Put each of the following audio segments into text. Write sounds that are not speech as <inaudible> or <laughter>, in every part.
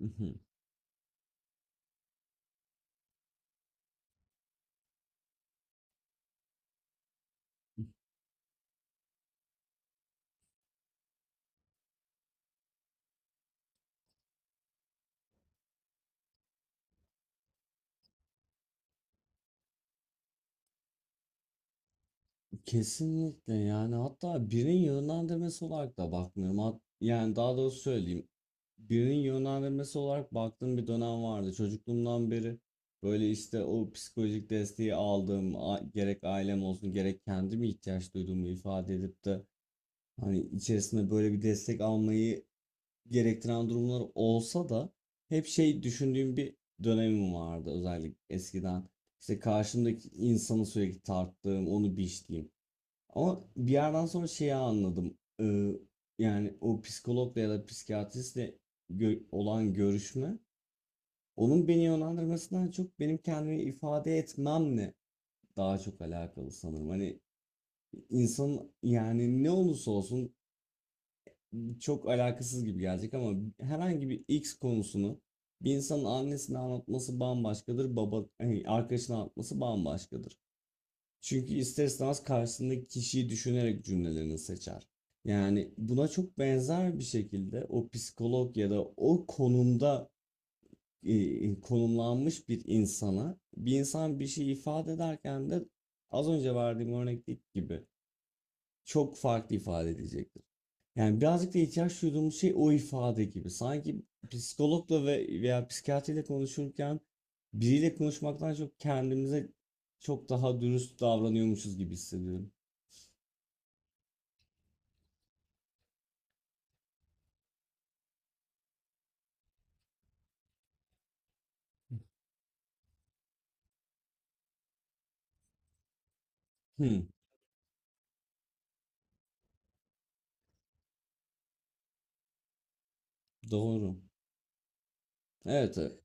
Hı hı. Kesinlikle yani hatta birinin yönlendirmesi olarak da bakmıyorum. Yani daha doğrusu söyleyeyim. Birinin yönlendirmesi olarak baktığım bir dönem vardı. Çocukluğumdan beri böyle işte o psikolojik desteği aldığım gerek ailem olsun gerek kendim ihtiyaç duyduğumu ifade edip de hani içerisinde böyle bir destek almayı gerektiren durumlar olsa da hep şey düşündüğüm bir dönemim vardı özellikle eskiden. İşte karşımdaki insanı sürekli tarttığım, onu biçtiğim. Ama bir yerden sonra şeyi anladım. Yani o psikologla ya da psikiyatristle olan görüşme onun beni yönlendirmesinden çok benim kendimi ifade etmemle daha çok alakalı sanırım. Hani insanın yani ne olursa olsun çok alakasız gibi gelecek ama herhangi bir X konusunu bir insanın annesine anlatması bambaşkadır, baba, hani arkadaşına anlatması bambaşkadır. Çünkü ister istemez karşısındaki kişiyi düşünerek cümlelerini seçer. Yani buna çok benzer bir şekilde o psikolog ya da o konumda konumlanmış bir insana bir insan bir şey ifade ederken de az önce verdiğim örnekteki gibi çok farklı ifade edecektir. Yani birazcık da ihtiyaç duyduğumuz şey o ifade gibi. Sanki psikologla ve veya psikiyatriyle konuşurken biriyle konuşmaktan çok kendimize çok daha dürüst davranıyormuşuz gibi hissediyorum. Hmm, doğru. Evet,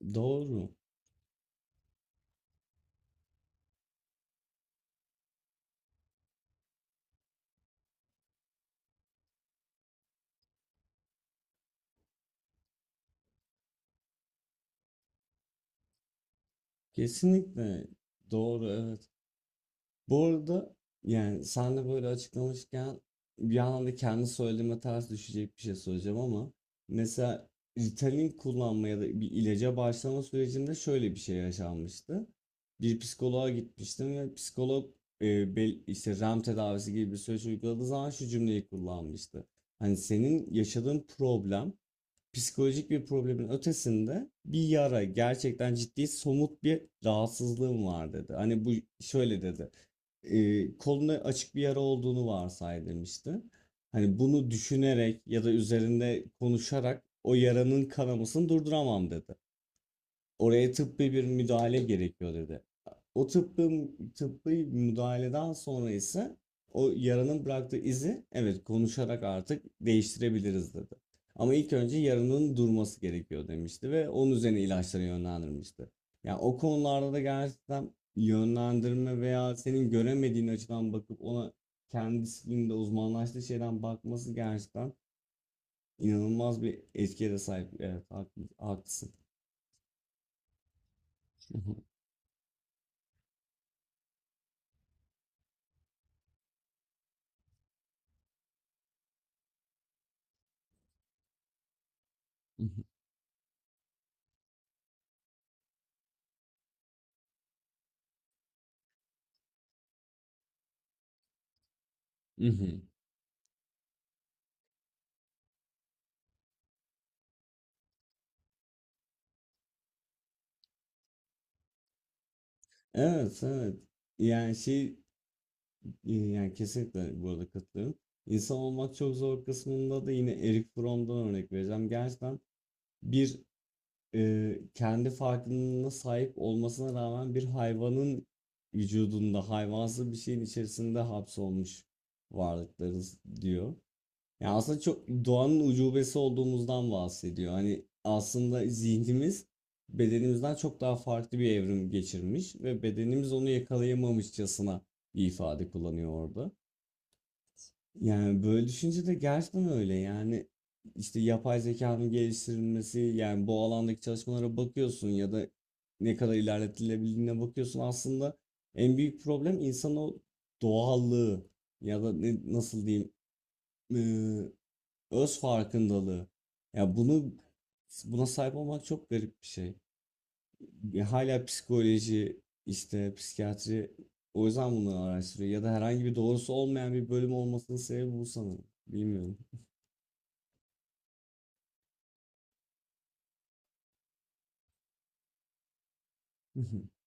<laughs> doğru. Kesinlikle doğru, evet. Bu arada yani sen de böyle açıklamışken bir anda kendi söylediğime ters düşecek bir şey söyleyeceğim ama mesela Ritalin kullanma ya da bir ilaca başlama sürecinde şöyle bir şey yaşanmıştı. Bir psikoloğa gitmiştim ve psikolog işte REM tedavisi gibi bir süreç uyguladığı zaman şu cümleyi kullanmıştı. Hani senin yaşadığın problem psikolojik bir problemin ötesinde bir yara, gerçekten ciddi somut bir rahatsızlığım var dedi. Hani bu şöyle dedi. E, koluna açık bir yara olduğunu varsay demişti. Hani bunu düşünerek ya da üzerinde konuşarak o yaranın kanamasını durduramam dedi. Oraya tıbbi bir müdahale gerekiyor dedi. O tıbbi müdahaleden sonra ise o yaranın bıraktığı izi evet konuşarak artık değiştirebiliriz dedi. Ama ilk önce yaranın durması gerekiyor demişti ve onun üzerine ilaçlara yönlendirmişti. Yani o konularda da gerçekten yönlendirme veya senin göremediğin açıdan bakıp ona kendi disiplinde uzmanlaştığı şeyden bakması gerçekten inanılmaz bir etkiye de sahip. Evet, haklısın. <laughs> Hı hı. Evet, evet. Yani şey yani kesinlikle bu arada katılıyorum. İnsan olmak çok zor kısmında da yine Eric Fromm'dan örnek vereceğim. Gerçekten bir kendi farkındalığına sahip olmasına rağmen bir hayvanın vücudunda hayvansı bir şeyin içerisinde hapsolmuş varlıklarız diyor. Ya aslında çok doğanın ucubesi olduğumuzdan bahsediyor. Hani aslında zihnimiz bedenimizden çok daha farklı bir evrim geçirmiş ve bedenimiz onu yakalayamamışçasına bir ifade kullanıyor orada. Yani böyle düşünce de gerçekten öyle. Yani işte yapay zekanın geliştirilmesi, yani bu alandaki çalışmalara bakıyorsun ya da ne kadar ilerletilebildiğine bakıyorsun. Aslında en büyük problem insanın o doğallığı ya da ne, nasıl diyeyim? Öz farkındalığı. Ya bunu Buna sahip olmak çok garip bir şey. Ya hala psikoloji, işte psikiyatri o yüzden bunları araştırıyor ya da herhangi bir doğrusu olmayan bir bölüm olmasının sebebi bu sanırım. Bilmiyorum. <laughs>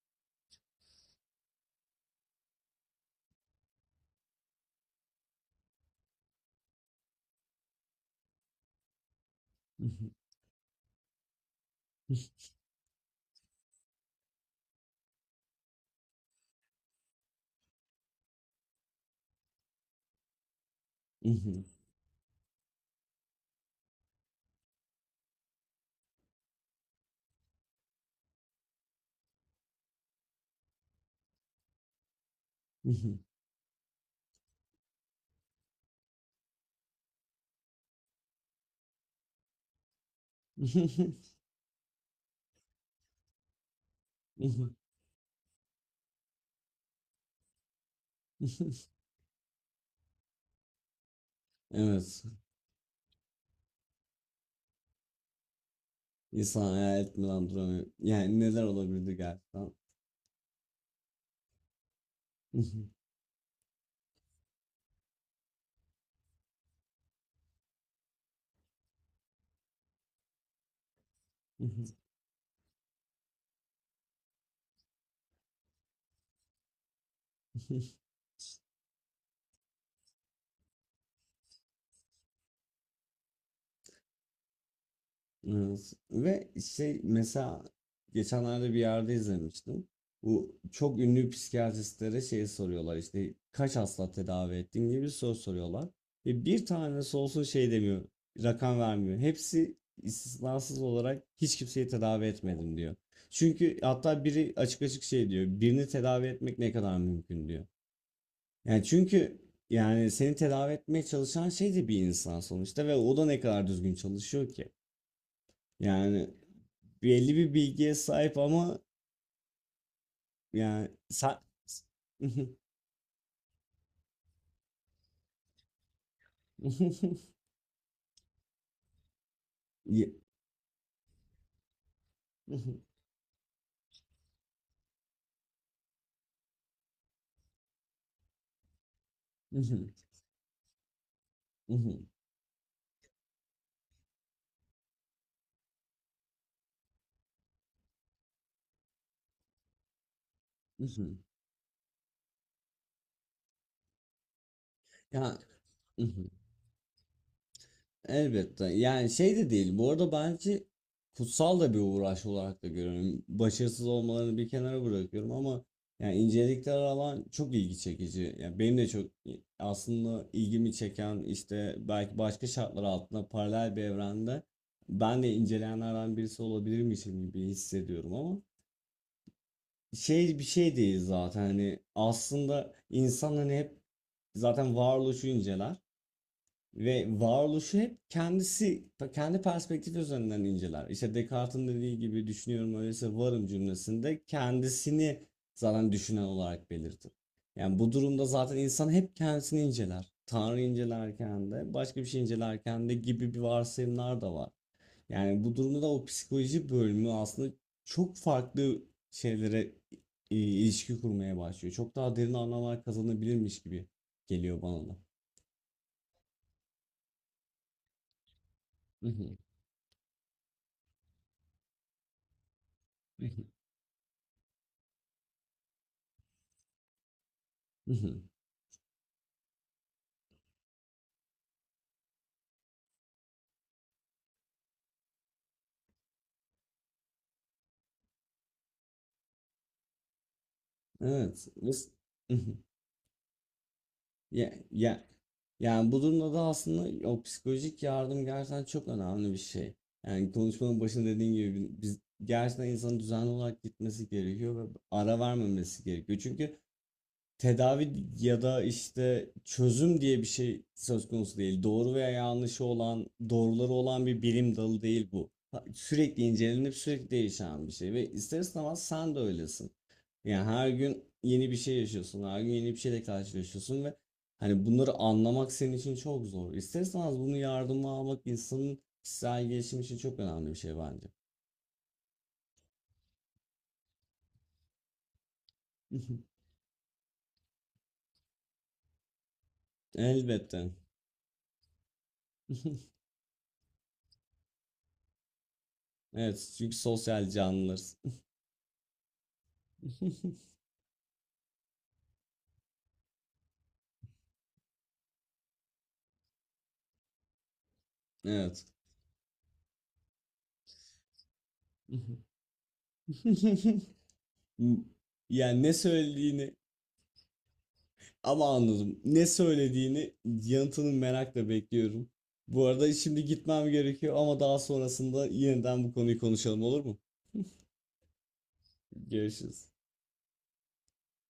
Evet. İnsan hayal etmeden duramıyor. Yani neler olabilirdi gerçekten? <laughs> Evet. Ve şey mesela geçenlerde bir yerde izlemiştim. Bu çok ünlü psikiyatristlere şeyi soruyorlar işte kaç hasta tedavi ettin gibi bir soru soruyorlar. Ve bir tanesi olsun şey demiyor, rakam vermiyor. Hepsi istisnasız olarak hiç kimseyi tedavi etmedim diyor. Çünkü hatta biri açık açık şey diyor, birini tedavi etmek ne kadar mümkün diyor. Yani çünkü yani seni tedavi etmeye çalışan şey de bir insan sonuçta ve o da ne kadar düzgün çalışıyor ki. Yani belli bir bilgiye sahip ama yani sa <laughs> Ye- <laughs> ya elbette yani şey de değil bu arada bence kutsal da bir uğraş olarak da görüyorum başarısız olmalarını bir kenara bırakıyorum ama yani incelikler alan çok ilgi çekici yani benim de çok aslında ilgimi çeken işte belki başka şartlar altında paralel bir evrende ben de inceleyenlerden birisi olabilirmişim gibi hissediyorum ama şey bir şey değil zaten hani aslında insan hani hep zaten varoluşu inceler ve varoluşu hep kendisi kendi perspektifi üzerinden inceler. İşte Descartes'in dediği gibi düşünüyorum öyleyse varım cümlesinde kendisini zaten düşünen olarak belirtir. Yani bu durumda zaten insan hep kendisini inceler. Tanrı incelerken de başka bir şey incelerken de gibi bir varsayımlar da var. Yani bu durumda da o psikoloji bölümü aslında çok farklı şeylere ilişki kurmaya başlıyor. Çok daha derin anlamlar kazanabilirmiş gibi geliyor bana da. Mhm, mhm, mhm. Evet. Mhm. Ya, ya, yani bu durumda da aslında o psikolojik yardım gerçekten çok önemli bir şey. Yani konuşmanın başında dediğim gibi biz gerçekten insanın düzenli olarak gitmesi gerekiyor ve ara vermemesi gerekiyor. Çünkü tedavi ya da işte çözüm diye bir şey söz konusu değil. Doğru veya yanlışı olan, doğruları olan bir bilim dalı değil bu. Sürekli incelenip sürekli değişen bir şey ve ister istemez sen de öylesin. Yani her gün yeni bir şey yaşıyorsun, her gün yeni bir şeyle karşılaşıyorsun ve hani bunları anlamak senin için çok zor. İster istemez bunu yardıma almak insanın kişisel gelişim için çok önemli bir şey bence. <laughs> Elbette. <laughs> Evet, çünkü sosyal canlılarız. <laughs> Evet. <laughs> Yani ne söylediğini ama anladım. Ne söylediğini yanıtını merakla bekliyorum. Bu arada şimdi gitmem gerekiyor ama daha sonrasında yeniden bu konuyu konuşalım olur mu? Görüşürüz.